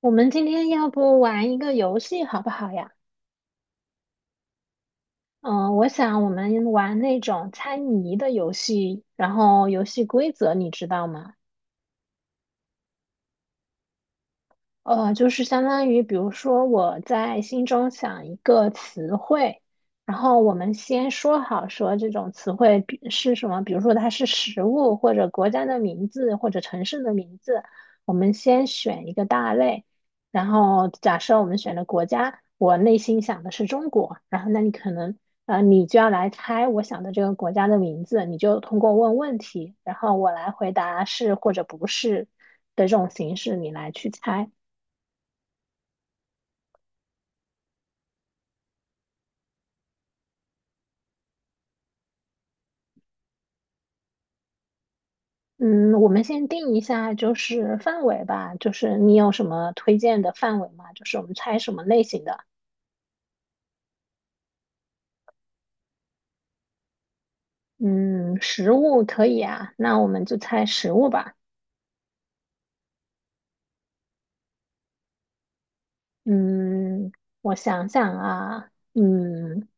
我们今天要不玩一个游戏好不好呀？嗯，我想我们玩那种猜谜的游戏，然后游戏规则你知道吗？就是相当于，比如说我在心中想一个词汇，然后我们先说好说这种词汇比是什么，比如说它是食物或者国家的名字或者城市的名字，我们先选一个大类，然后假设我们选了国家，我内心想的是中国，然后那你可能你就要来猜我想的这个国家的名字，你就通过问问题，然后我来回答是或者不是的这种形式，你来去猜。嗯，我们先定一下就是范围吧，就是你有什么推荐的范围吗？就是我们猜什么类型的？嗯，食物可以啊，那我们就猜食物吧。嗯，我想想啊，嗯，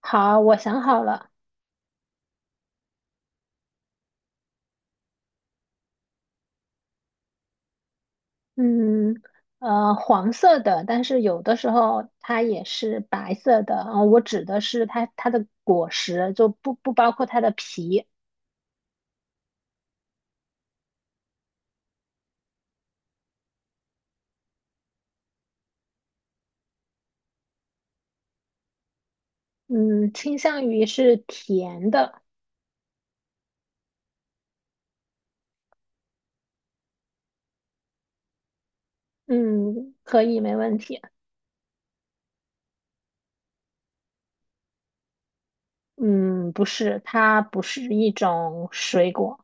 好，我想好了。嗯，黄色的，但是有的时候它也是白色的。啊，我指的是它的果实，就不包括它的皮。嗯，倾向于是甜的。嗯，可以，没问题。嗯，不是，它不是一种水果。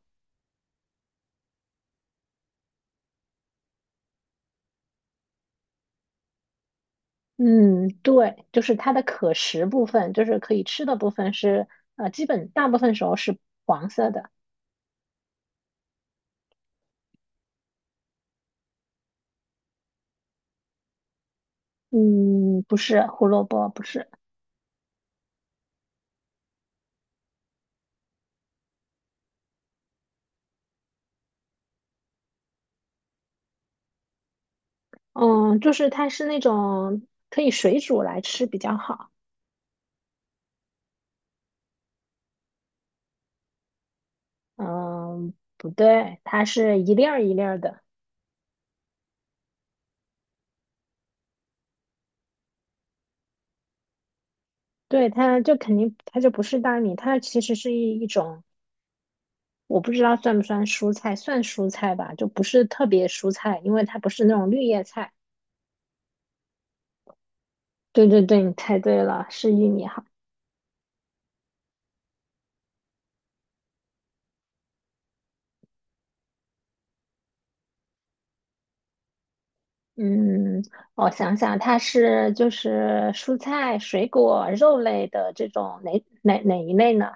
嗯，对，就是它的可食部分，就是可以吃的部分是，基本大部分时候是黄色的。嗯，不是胡萝卜，不是。嗯，就是它是那种可以水煮来吃比较好。嗯，不对，它是一粒儿一粒儿的。对，它就肯定它就不是大米，它其实是一种我不知道算不算蔬菜，算蔬菜吧，就不是特别蔬菜，因为它不是那种绿叶菜。对对对，你猜对了，是玉米哈。嗯，我想想，它是就是蔬菜、水果、肉类的这种哪哪一类呢？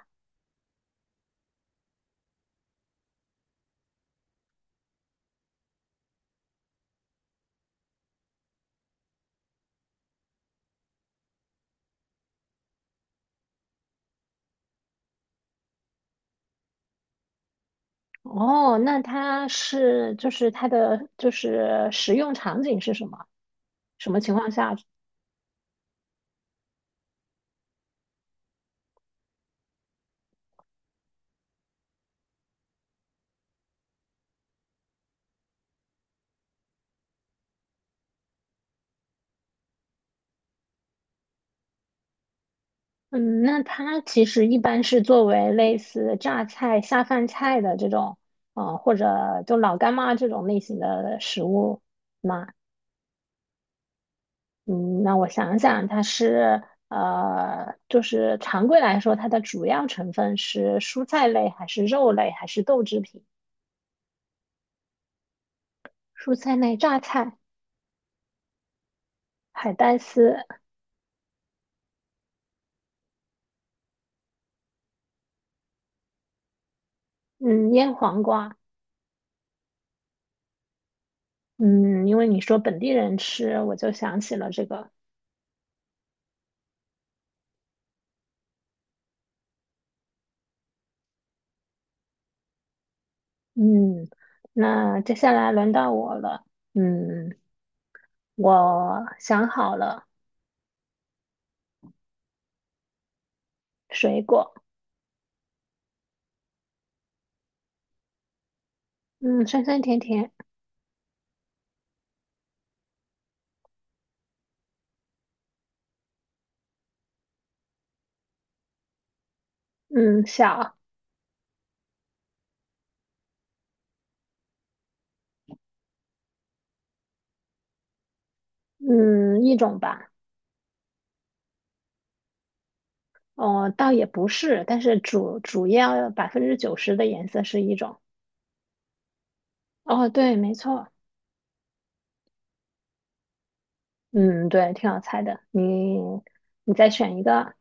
哦，那它是就是它的就是食用场景是什么？什么情况下嗯，那它其实一般是作为类似榨菜、下饭菜的这种，或者就老干妈这种类型的食物嘛。嗯，那我想想，它是就是常规来说，它的主要成分是蔬菜类，还是肉类，还是豆制品？蔬菜类榨菜、海带丝，嗯，腌黄瓜，嗯，因为你说本地人吃，我就想起了这个，嗯，那接下来轮到我了。嗯，我想好了，水果，嗯，酸酸甜甜，嗯，小，嗯，一种吧，哦，倒也不是，但是主要90%的颜色是一种。哦，对，没错，嗯，对，挺好猜的。你再选一个，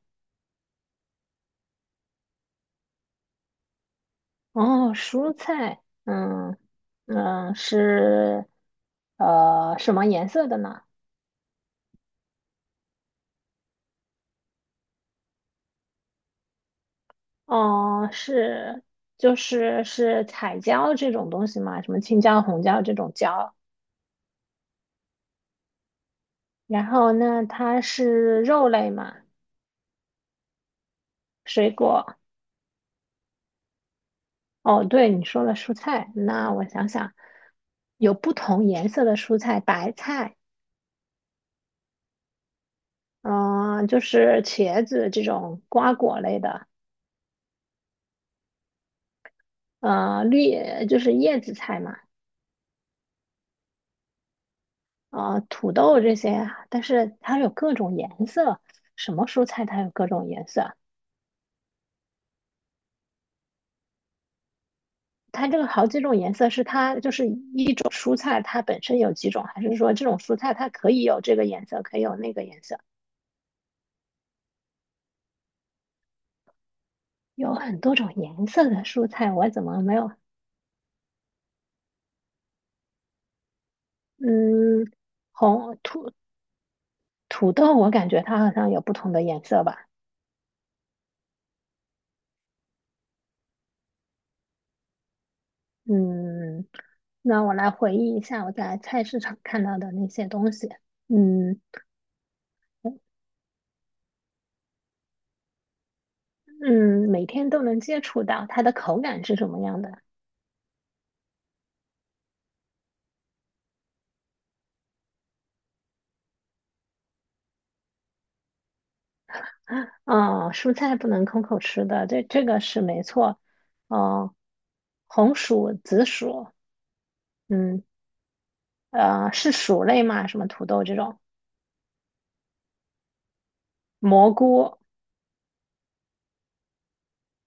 哦，蔬菜，嗯嗯，是什么颜色的呢？哦，是就是彩椒这种东西嘛，什么青椒、红椒这种椒？然后那它是肉类嘛，水果。哦，对，你说了蔬菜，那我想想，有不同颜色的蔬菜，白菜，嗯、就是茄子这种瓜果类的，绿就是叶子菜嘛，土豆这些啊，但是它有各种颜色，什么蔬菜它有各种颜色？它这个好几种颜色是它就是一种蔬菜它本身有几种，还是说这种蔬菜它可以有这个颜色，可以有那个颜色？有很多种颜色的蔬菜，我怎么没有？嗯，红土土豆，我感觉它好像有不同的颜色吧。嗯，那我来回忆一下我在菜市场看到的那些东西。嗯嗯，每天都能接触到，它的口感是什么样的？啊，蔬菜不能空口吃的，这个是没错。哦，红薯、紫薯，嗯是薯类嘛？什么土豆这种，蘑菇。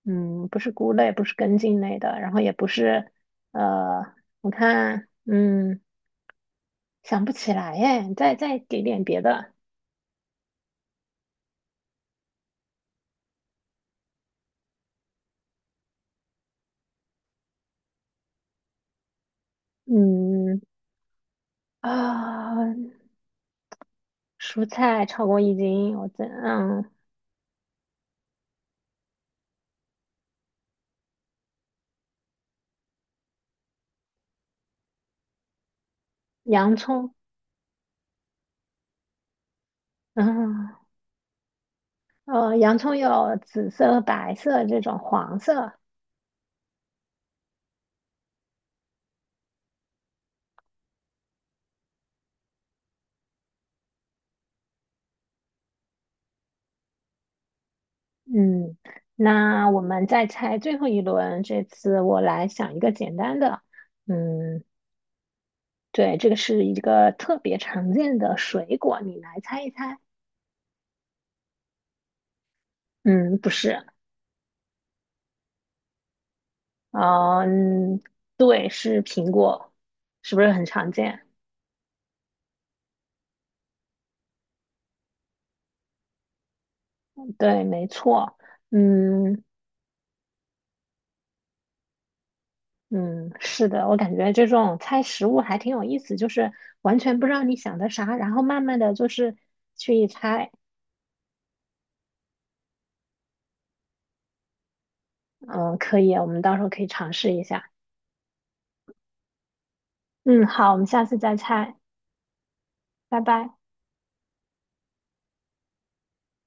嗯，不是菇类，不是根茎类的，然后也不是，呃，我看，嗯，想不起来耶，再给点别的，嗯啊，蔬菜超过一斤，我这嗯，洋葱，嗯洋葱有紫色、白色这种黄色，嗯，那我们再猜最后一轮，这次我来想一个简单的，嗯，对，这个是一个特别常见的水果，你来猜一猜。嗯，不是，啊，嗯，对，是苹果，是不是很常见？对，没错，嗯嗯，是的，我感觉这种猜食物还挺有意思，就是完全不知道你想的啥，然后慢慢的就是去一猜，嗯，可以，我们到时候可以尝试一下，嗯，好，我们下次再猜，拜拜。